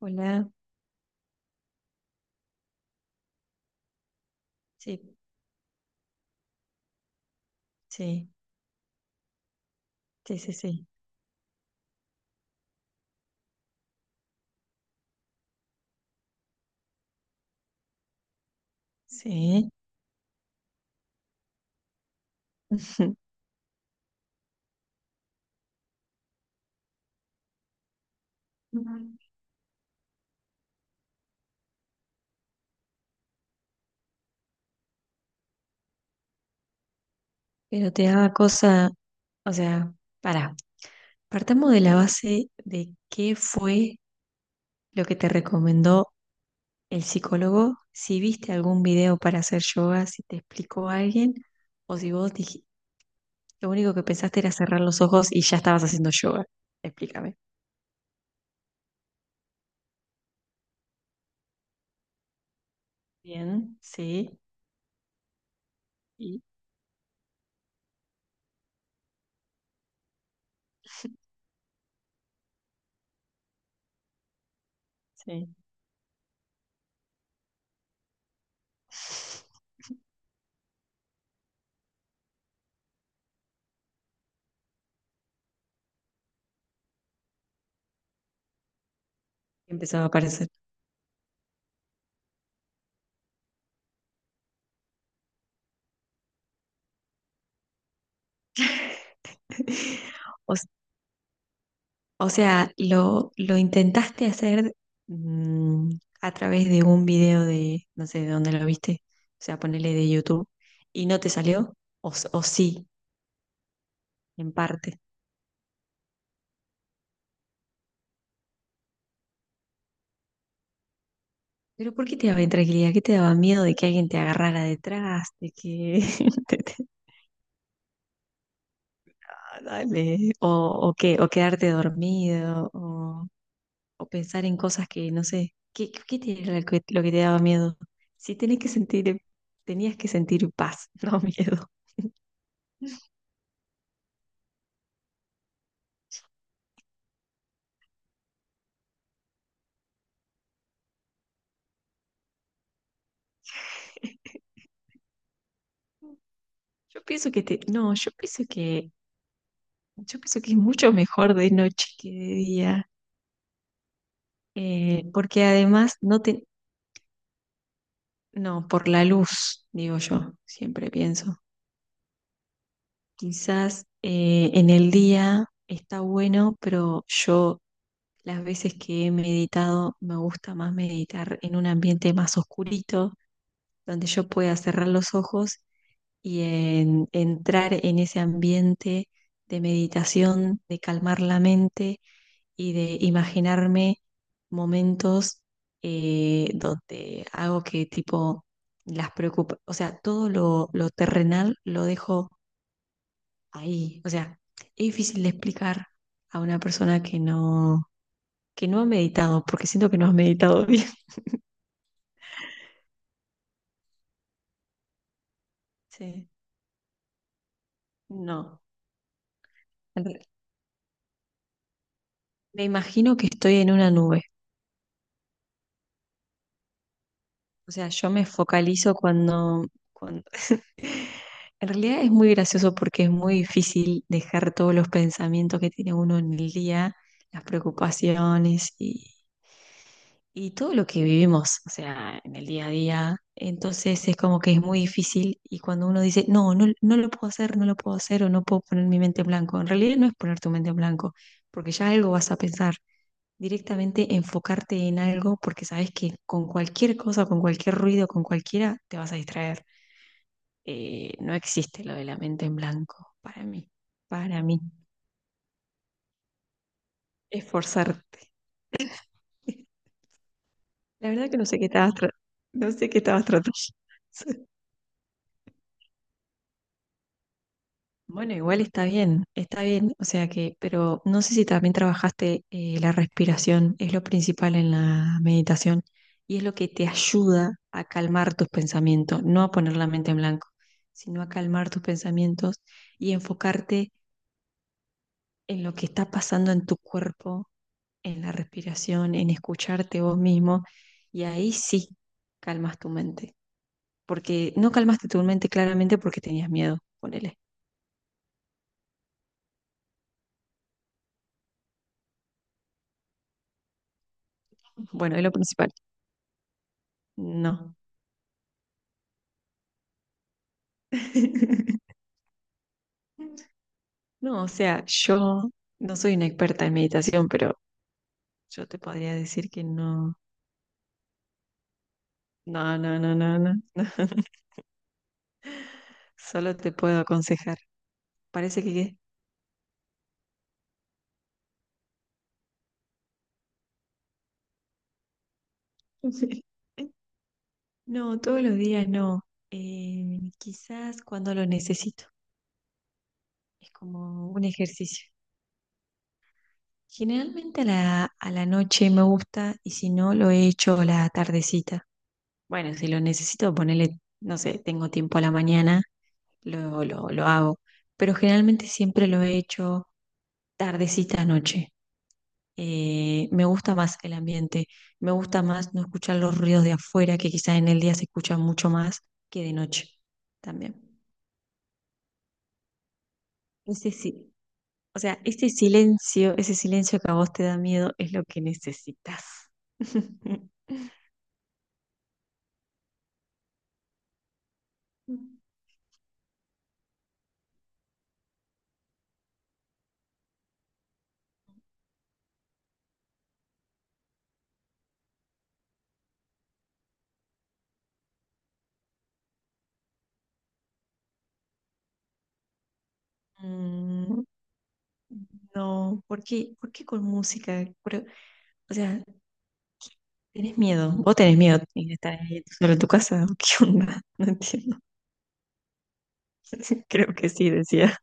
Hola, sí, sí, sí, sí, sí, sí. Pero te daba cosa, o sea, para, partamos de la base de qué fue lo que te recomendó el psicólogo, si viste algún video para hacer yoga, si te explicó alguien, o si vos dijiste, lo único que pensaste era cerrar los ojos y ya estabas haciendo yoga. Explícame. Bien, sí, y sí. Empezaba a aparecer. O O sea, lo intentaste hacer mm, a través de un video de, no sé de dónde lo viste, o sea, ponele de YouTube, y no te salió, o sí, en parte. Pero ¿por qué te daba intranquilidad? ¿Qué te daba miedo de que alguien te agarrara detrás? ¿De que te- te- ah, dale? O qué, o, quedarte dormido, o pensar en cosas que, no sé, ¿qué te era lo que te daba miedo? Si tenés que sentir, Tenías que sentir paz, no miedo. Yo pienso que te, no, yo pienso que es mucho mejor de noche que de día, porque además no, por la luz, digo yo, siempre pienso. Quizás en el día está bueno, pero yo las veces que he meditado me gusta más meditar en un ambiente más oscurito, donde yo pueda cerrar los ojos y en entrar en ese ambiente de meditación, de calmar la mente y de imaginarme momentos donde hago que tipo o sea, todo lo terrenal lo dejo ahí. O sea, es difícil de explicar a una persona que no ha meditado, porque siento que no has meditado bien. Sí. No. En re- Me imagino que estoy en una nube. O sea, yo me focalizo cuando... En realidad es muy gracioso porque es muy difícil dejar todos los pensamientos que tiene uno en el día, las preocupaciones y todo lo que vivimos, o sea, en el día a día. Entonces es como que es muy difícil y cuando uno dice, no, no, no lo puedo hacer, no lo puedo hacer o no puedo poner mi mente en blanco, en realidad no es poner tu mente en blanco, porque ya algo vas a pensar, directamente enfocarte en algo porque sabes que con cualquier cosa, con cualquier ruido, con cualquiera, te vas a distraer. No existe lo de la mente en blanco para mí, esforzarte. La verdad que no sé qué estabas, tra- no sé qué estabas tratando. Bueno, igual está bien, o sea que, pero no sé si también trabajaste la respiración, es lo principal en la meditación y es lo que te ayuda a calmar tus pensamientos, no a poner la mente en blanco, sino a calmar tus pensamientos y enfocarte en lo que está pasando en tu cuerpo, en la respiración, en escucharte vos mismo y ahí sí calmas tu mente, porque no calmaste tu mente claramente porque tenías miedo, ponele. Bueno, es lo principal, no. No, o sea, yo no soy una experta en meditación, pero yo te podría decir que no, no, no, no, no, no, solo te puedo aconsejar. Parece que no, todos los días no. Quizás cuando lo necesito. Es como un ejercicio. Generalmente a la noche me gusta y si no, lo he hecho la tardecita. Bueno, si lo necesito, ponele, no sé, tengo tiempo a la mañana lo hago, pero generalmente siempre lo he hecho tardecita a noche. Me gusta más el ambiente, me gusta más no escuchar los ruidos de afuera, que quizás en el día se escuchan mucho más que de noche también. Ese sí, o sea, ese silencio que a vos te da miedo es lo que necesitas. Mm. No, ¿por qué con música? Pero, o sea, ¿Tenés miedo? ¿Vos tenés miedo de estar ahí solo en tu casa? ¿Qué onda? No entiendo. Creo que sí, decía.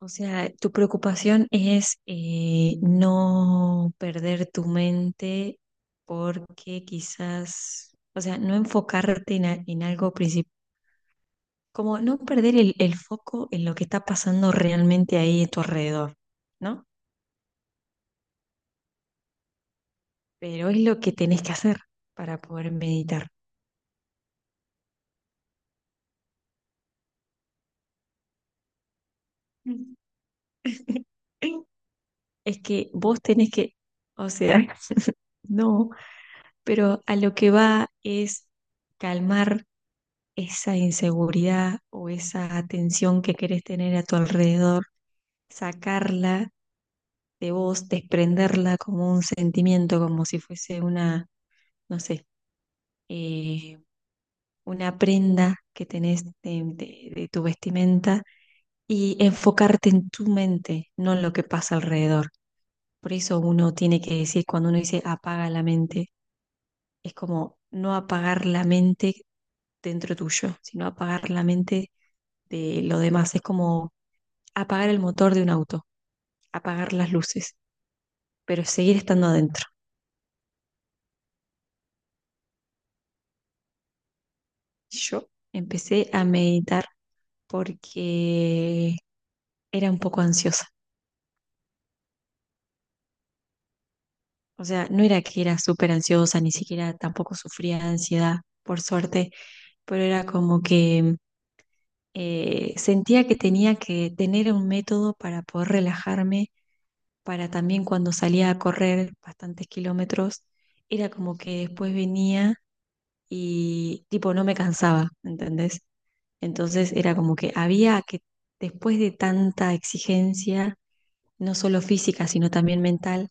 O sea, tu preocupación es no perder tu mente porque quizás, o sea, no enfocarte en algo principal, como no perder el foco en lo que está pasando realmente ahí a tu alrededor, ¿no? Pero es lo que tenés que hacer para poder meditar. Mm. Es que vos tenés que, o sea, no, pero a lo que va es calmar esa inseguridad o esa atención que querés tener a tu alrededor, sacarla de vos, desprenderla como un sentimiento, como si fuese una, no sé, eh, una prenda que tenés de tu vestimenta y enfocarte en tu mente, no en lo que pasa alrededor. Por eso uno tiene que decir, cuando uno dice apaga la mente, es como no apagar la mente dentro tuyo, sino apagar la mente de lo demás. Es como apagar el motor de un auto, apagar las luces, pero seguir estando adentro. Yo empecé a meditar porque era un poco ansiosa. O sea, no era que era súper ansiosa, ni siquiera tampoco sufría de ansiedad, por suerte, pero era como que sentía que tenía que tener un método para poder relajarme para también cuando salía a correr bastantes kilómetros, era como que después venía y tipo no me cansaba, ¿entendés? Entonces era como que había que, después de tanta exigencia, no solo física, sino también mental,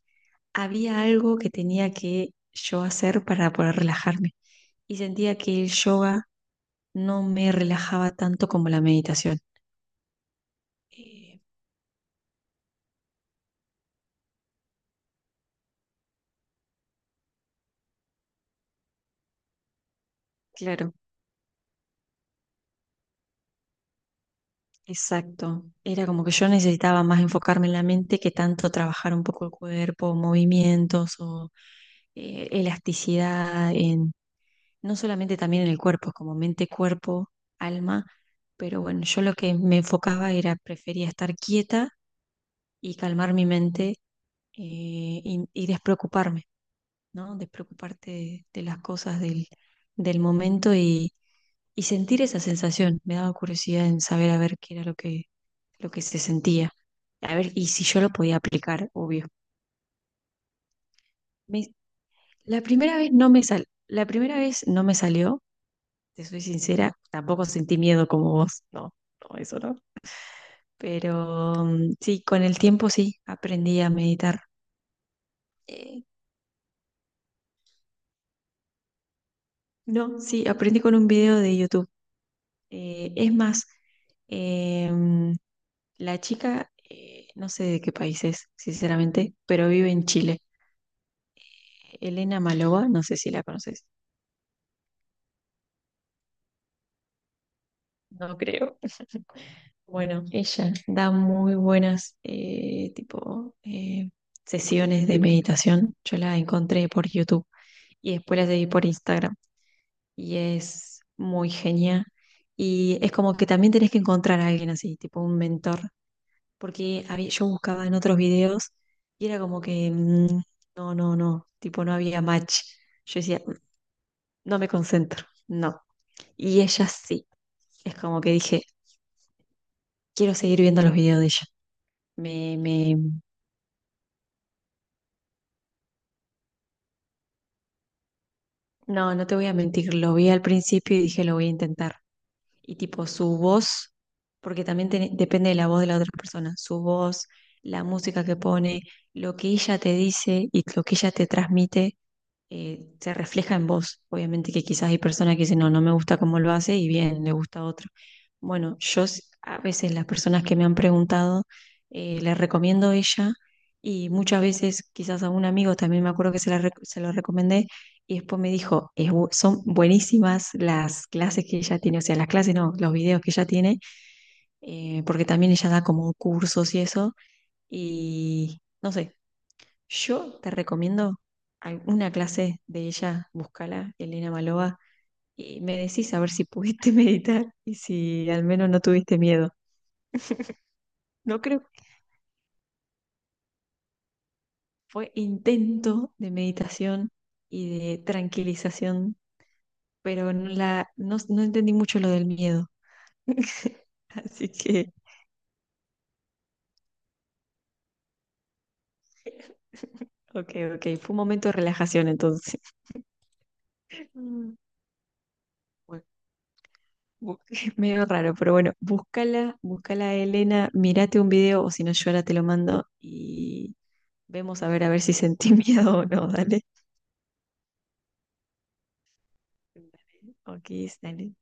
había algo que tenía que yo hacer para poder relajarme. Y sentía que el yoga no me relajaba tanto como la meditación. Eh, claro, exacto. Era como que yo necesitaba más enfocarme en la mente que tanto trabajar un poco el cuerpo, movimientos o elasticidad en, no solamente también en el cuerpo, como mente, cuerpo, alma, pero bueno, yo lo que me enfocaba era, prefería estar quieta y calmar mi mente eh, y despreocuparme. ¿No? Despreocuparte de las cosas del, del momento y sentir esa sensación. Me daba curiosidad en saber a ver qué era lo que se sentía. A ver, y si yo lo podía aplicar, obvio. Me- la primera vez no me salió, te soy sincera, tampoco sentí miedo como vos, no, no, eso no. Pero mm, sí, con el tiempo sí, aprendí a meditar. Eh, no, sí, aprendí con un video de YouTube. Eh, es más, eh, La chica, no sé de qué país es, sinceramente, pero vive en Chile. Elena Malova, no sé si la conoces. No creo. Bueno, ella da muy buenas tipo sesiones de meditación. Yo la encontré por YouTube y después la seguí por Instagram. Y es muy genial. Y es como que también tenés que encontrar a alguien así, tipo un mentor porque yo buscaba en otros videos y era como que no, no, no, tipo no había match. Yo decía, "Mm, no me concentro, no". Y ella sí, es como que dije, quiero seguir viendo los videos de ella. Me, me, no, no te voy a mentir, lo vi al principio y dije, lo voy a intentar. Y tipo su voz, porque también depende de la voz de la otra persona, su voz, la música que pone, lo que ella te dice y lo que ella te transmite se refleja en vos. Obviamente que quizás hay personas que dicen, no, no me gusta cómo lo hace y bien, le gusta otro. Bueno, a veces las personas que me han preguntado, les recomiendo ella y muchas veces quizás a un amigo también me acuerdo que se, la rec- se lo recomendé y después me dijo, "Es son buenísimas las clases que ella tiene, o sea, las clases no, los videos que ella tiene, porque también ella da como cursos y eso y... No sé, yo te recomiendo alguna clase de ella, búscala, Elena Malova, y me decís a ver si pudiste meditar y si al menos no tuviste miedo. No creo que fue intento de meditación y de tranquilización, pero no, no, no entendí mucho lo del miedo. Así que, ok, ok, fue un momento de relajación entonces. Mm. Bueno, es medio raro, pero bueno, búscala, búscala a Elena, mírate un video o si no yo ahora te lo mando. Vemos a ver si sentí miedo o no, dale. Ok, dale.